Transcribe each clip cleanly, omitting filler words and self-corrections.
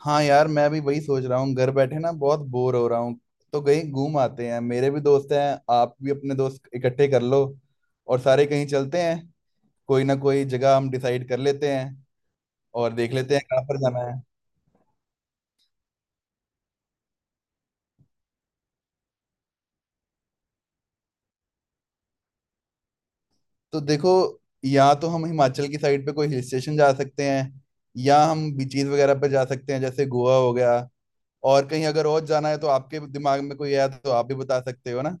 हाँ यार, मैं भी वही सोच रहा हूँ। घर बैठे ना बहुत बोर हो रहा हूँ, तो कहीं घूम आते हैं। मेरे भी दोस्त हैं, आप भी अपने दोस्त इकट्ठे कर लो और सारे कहीं चलते हैं। कोई ना कोई जगह हम डिसाइड कर लेते हैं और देख लेते हैं कहाँ पर जाना है। तो देखो, या तो हम हिमाचल की साइड पे कोई हिल स्टेशन जा सकते हैं, या हम बीचेस वगैरह पे जा सकते हैं, जैसे गोवा हो गया। और कहीं अगर और जाना है, तो आपके दिमाग में कोई है तो आप भी बता सकते हो ना।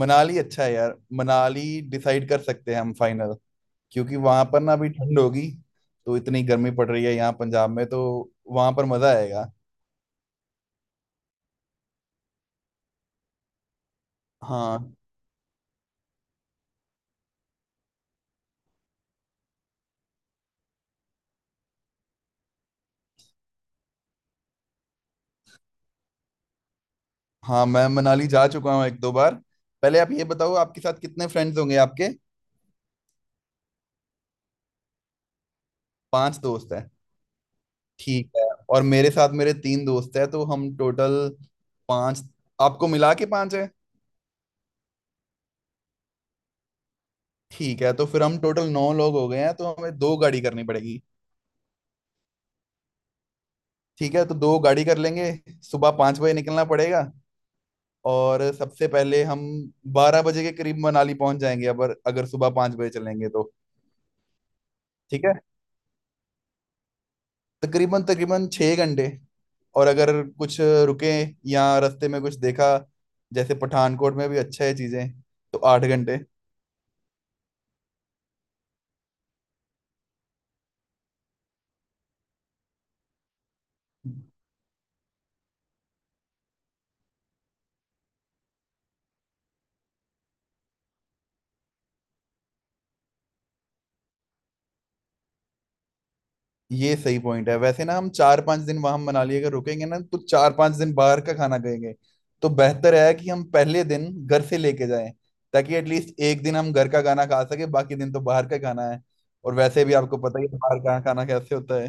मनाली अच्छा है यार, मनाली डिसाइड कर सकते हैं हम फाइनल, क्योंकि वहां पर ना अभी ठंड होगी। तो इतनी गर्मी पड़ रही है यहाँ पंजाब में, तो वहां पर मजा आएगा। हाँ। हाँ, मैं मनाली जा चुका हूँ एक दो बार। पहले आप ये बताओ, आपके साथ कितने फ्रेंड्स होंगे आपके? पांच दोस्त हैं? ठीक है। और मेरे साथ मेरे तीन दोस्त हैं, तो हम टोटल पांच, आपको मिला के पांच है। ठीक है, तो फिर हम टोटल नौ लोग हो गए हैं, तो हमें दो गाड़ी करनी पड़ेगी। ठीक है, तो दो गाड़ी कर लेंगे। सुबह 5 बजे निकलना पड़ेगा, और सबसे पहले हम 12 बजे के करीब मनाली पहुंच जाएंगे, अगर अगर सुबह 5 बजे चलेंगे तो। ठीक है। तकरीबन तकरीबन 6 घंटे, और अगर कुछ रुके या रास्ते में कुछ देखा, जैसे पठानकोट में भी अच्छा है चीजें, तो 8 घंटे। ये सही पॉइंट है वैसे ना। हम 4-5 दिन वहां मनाली अगर रुकेंगे ना, तो 4-5 दिन बाहर का खाना खाएंगे, तो बेहतर है कि हम पहले दिन घर से लेके जाएं, ताकि एटलीस्ट एक दिन हम घर का खाना खा सके। बाकी दिन तो बाहर का खाना है, और वैसे भी आपको पता ही है बाहर का खाना कैसे होता है।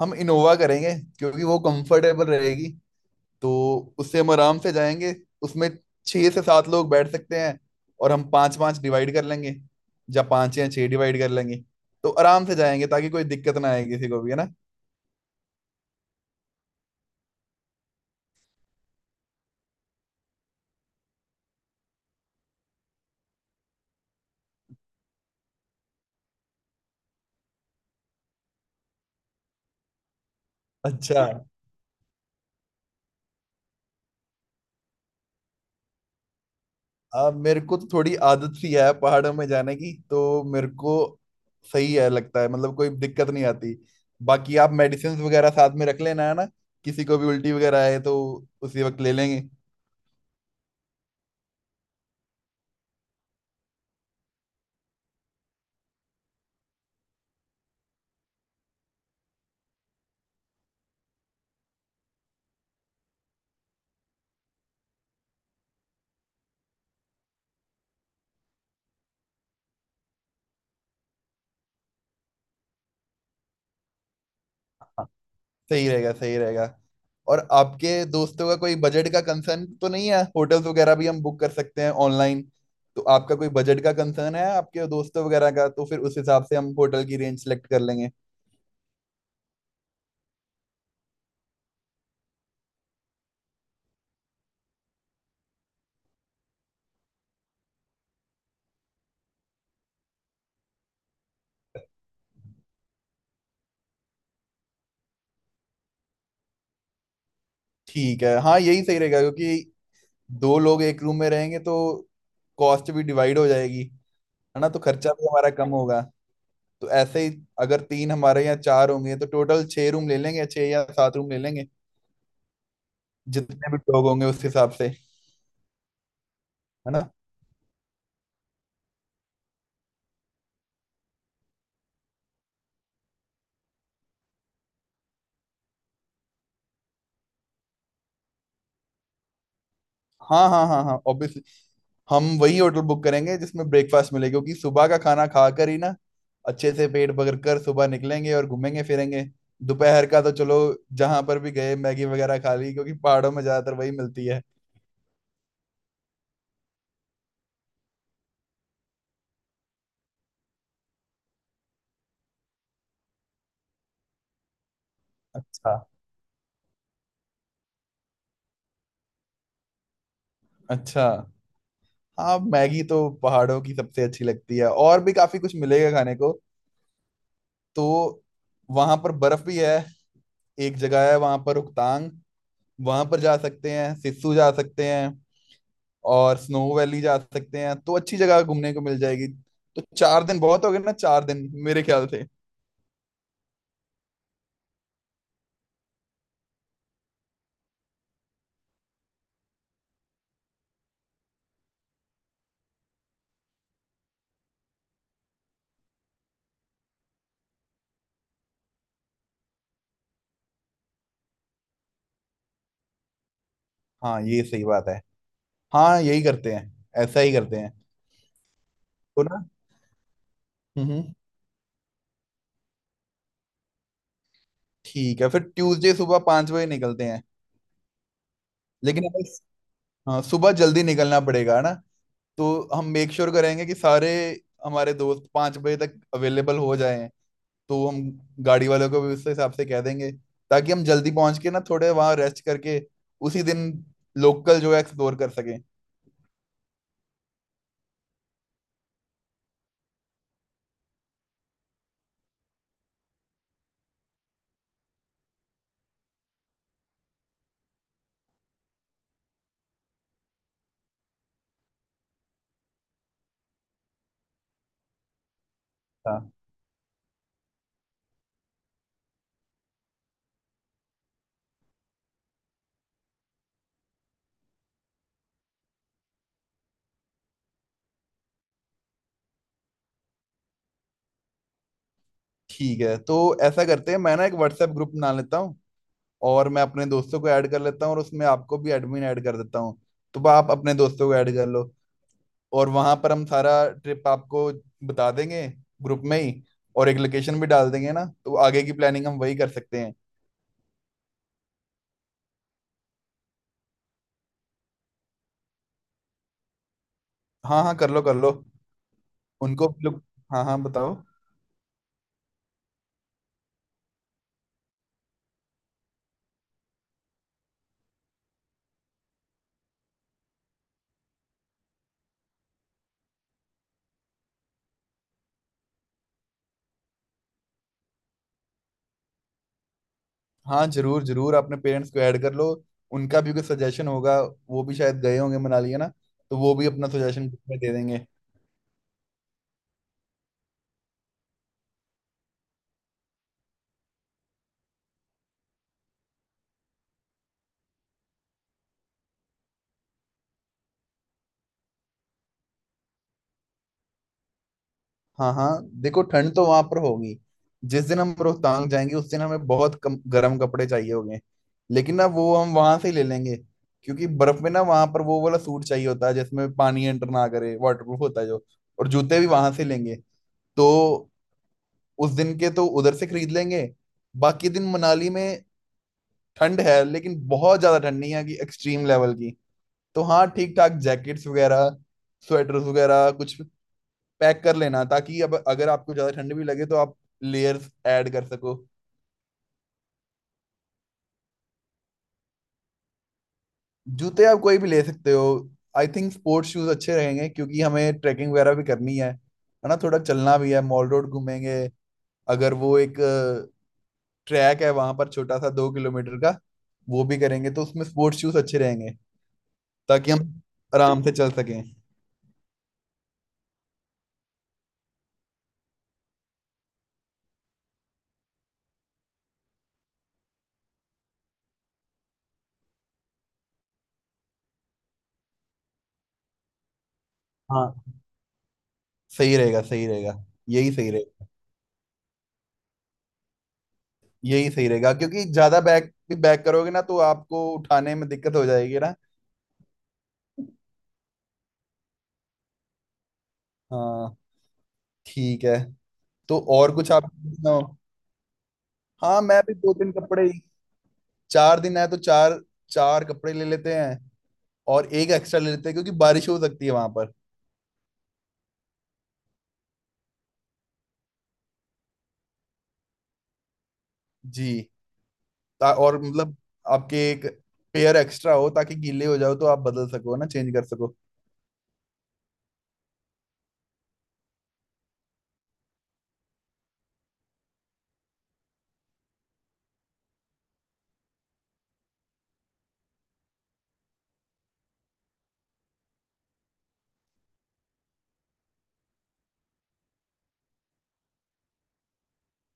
हम इनोवा करेंगे, क्योंकि वो कंफर्टेबल रहेगी, तो उससे हम आराम से जाएंगे। उसमें छह से सात लोग बैठ सकते हैं, और हम पांच पांच डिवाइड कर लेंगे, या पांच या छह डिवाइड कर लेंगे। तो आराम से जाएंगे, ताकि कोई दिक्कत ना आए किसी को भी, है ना। अच्छा, अब मेरे को तो थोड़ी आदत सी है पहाड़ों में जाने की, तो मेरे को सही है लगता है, मतलब कोई दिक्कत नहीं आती। बाकी आप मेडिसिन वगैरह साथ में रख लेना, है ना। किसी को भी उल्टी वगैरह आए तो उसी वक्त ले लेंगे। हाँ। सही रहेगा, सही रहेगा। और आपके दोस्तों का कोई बजट का कंसर्न तो नहीं है? होटल्स वगैरह भी हम बुक कर सकते हैं ऑनलाइन। तो आपका कोई बजट का कंसर्न है आपके दोस्तों वगैरह का, तो फिर उस हिसाब से हम होटल की रेंज सेलेक्ट कर लेंगे। ठीक है, हाँ यही सही रहेगा, क्योंकि दो लोग एक रूम में रहेंगे तो कॉस्ट भी डिवाइड हो जाएगी। है ना, तो खर्चा भी हमारा कम होगा। तो ऐसे ही, अगर तीन हमारे, यहाँ चार होंगे, तो टोटल छह रूम ले लेंगे, छह या सात रूम ले लेंगे, जितने भी लोग होंगे उस हिसाब से, है ना। हाँ हाँ हाँ हाँ, ऑब्वियसली हम वही होटल बुक करेंगे जिसमें ब्रेकफास्ट मिले, क्योंकि सुबह का खाना खाकर ही ना अच्छे से पेट भर कर सुबह निकलेंगे और घूमेंगे फिरेंगे। दोपहर का तो चलो, जहां पर भी गए मैगी वगैरह खा ली, क्योंकि पहाड़ों में ज्यादातर वही मिलती है। अच्छा। अच्छा। हाँ, मैगी तो पहाड़ों की सबसे अच्छी लगती है, और भी काफी कुछ मिलेगा खाने को। तो वहां पर बर्फ भी है, एक जगह है वहां पर रोहतांग, वहां पर जा सकते हैं, सिस्सू जा सकते हैं, और स्नो वैली जा सकते हैं, तो अच्छी जगह घूमने को मिल जाएगी। तो 4 दिन बहुत हो गए ना, 4 दिन मेरे ख्याल से। हाँ, ये सही बात है। हाँ, यही करते हैं, ऐसा ही करते हैं। तो ना, हम्म हम्म, ठीक है, फिर ट्यूसडे सुबह 5 बजे निकलते हैं। लेकिन हमें, हाँ, सुबह जल्दी निकलना पड़ेगा ना, तो हम मेक श्योर करेंगे कि सारे हमारे दोस्त 5 बजे तक अवेलेबल हो जाएं, तो हम गाड़ी वालों को भी उस हिसाब से कह देंगे, ताकि हम जल्दी पहुंच के ना थोड़े वहाँ रेस्ट करके उसी दिन लोकल जो है एक्सप्लोर कर सकें। हाँ, ठीक है। तो ऐसा करते हैं, मैं ना एक व्हाट्सएप ग्रुप बना लेता हूँ और मैं अपने दोस्तों को ऐड कर लेता हूँ, और उसमें आपको भी एडमिन ऐड कर देता हूँ, तो आप अपने दोस्तों को ऐड कर लो। और वहां पर हम सारा ट्रिप आपको बता देंगे, ग्रुप में ही, और एक लोकेशन भी डाल देंगे ना, तो आगे की प्लानिंग हम वही कर सकते हैं। हाँ हाँ, कर लो कर लो। उनको भी लोग, हाँ हाँ, बताओ। हाँ, जरूर जरूर अपने पेरेंट्स को ऐड कर लो, उनका भी कोई सजेशन होगा, वो भी शायद गए होंगे मनाली, है ना। तो वो भी अपना सजेशन दे देंगे। हाँ हाँ, देखो ठंड तो वहां पर होगी। जिस दिन हम रोहतांग जाएंगे, उस दिन हमें बहुत कम गर्म कपड़े चाहिए होंगे, लेकिन ना वो हम वहां से ही ले लेंगे, क्योंकि बर्फ में ना वहां पर वो वाला सूट चाहिए होता है जिसमें पानी एंटर ना करे, वाटरप्रूफ होता है जो, और जूते भी वहां से लेंगे। तो उस दिन के तो उधर से खरीद लेंगे। बाकी दिन मनाली में ठंड है, लेकिन बहुत ज्यादा ठंड नहीं है कि एक्सट्रीम लेवल की, तो हाँ ठीक ठाक जैकेट्स वगैरह, स्वेटर्स वगैरह कुछ पैक कर लेना, ताकि अब अगर आपको ज्यादा ठंड भी लगे तो आप लेयर्स ऐड कर सको। जूते आप कोई भी ले सकते हो, आई थिंक स्पोर्ट्स शूज अच्छे रहेंगे, क्योंकि हमें ट्रैकिंग वगैरह भी करनी है ना, थोड़ा चलना भी है, मॉल रोड घूमेंगे। अगर वो एक ट्रैक है वहां पर, छोटा सा 2 किलोमीटर का, वो भी करेंगे, तो उसमें स्पोर्ट्स शूज अच्छे रहेंगे, ताकि हम आराम से चल सकें। हाँ, सही रहेगा, सही रहेगा। यही सही रहेगा, यही सही रहेगा, क्योंकि ज्यादा बैग भी बैग करोगे ना, तो आपको उठाने में दिक्कत हो जाएगी ना। हाँ, ठीक है। तो और कुछ आप पूछना हो? हाँ, मैं भी दो तीन कपड़े ही, 4 दिन है तो चार चार कपड़े ले लेते हैं, और एक एक्स्ट्रा ले लेते हैं, क्योंकि बारिश हो सकती है वहां पर। जी। और मतलब आपके एक पेयर एक्स्ट्रा हो, ताकि गीले हो जाओ तो आप बदल सको ना, चेंज कर सको।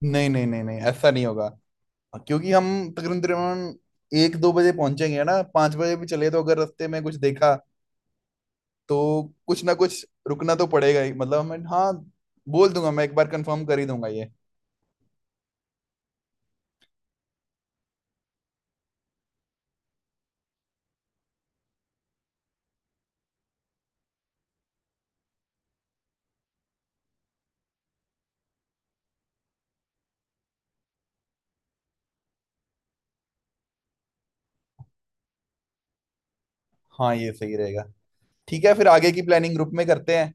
नहीं नहीं नहीं नहीं, ऐसा नहीं होगा, क्योंकि हम तकरीबन तकरीबन एक दो बजे पहुंचेंगे ना, 5 बजे भी चले तो अगर रास्ते में कुछ देखा, तो कुछ ना कुछ रुकना तो पड़ेगा ही, मतलब मैं हाँ, बोल दूंगा, मैं एक बार कंफर्म कर ही दूंगा ये। हाँ, ये सही रहेगा। ठीक है, फिर आगे की प्लानिंग ग्रुप में करते हैं।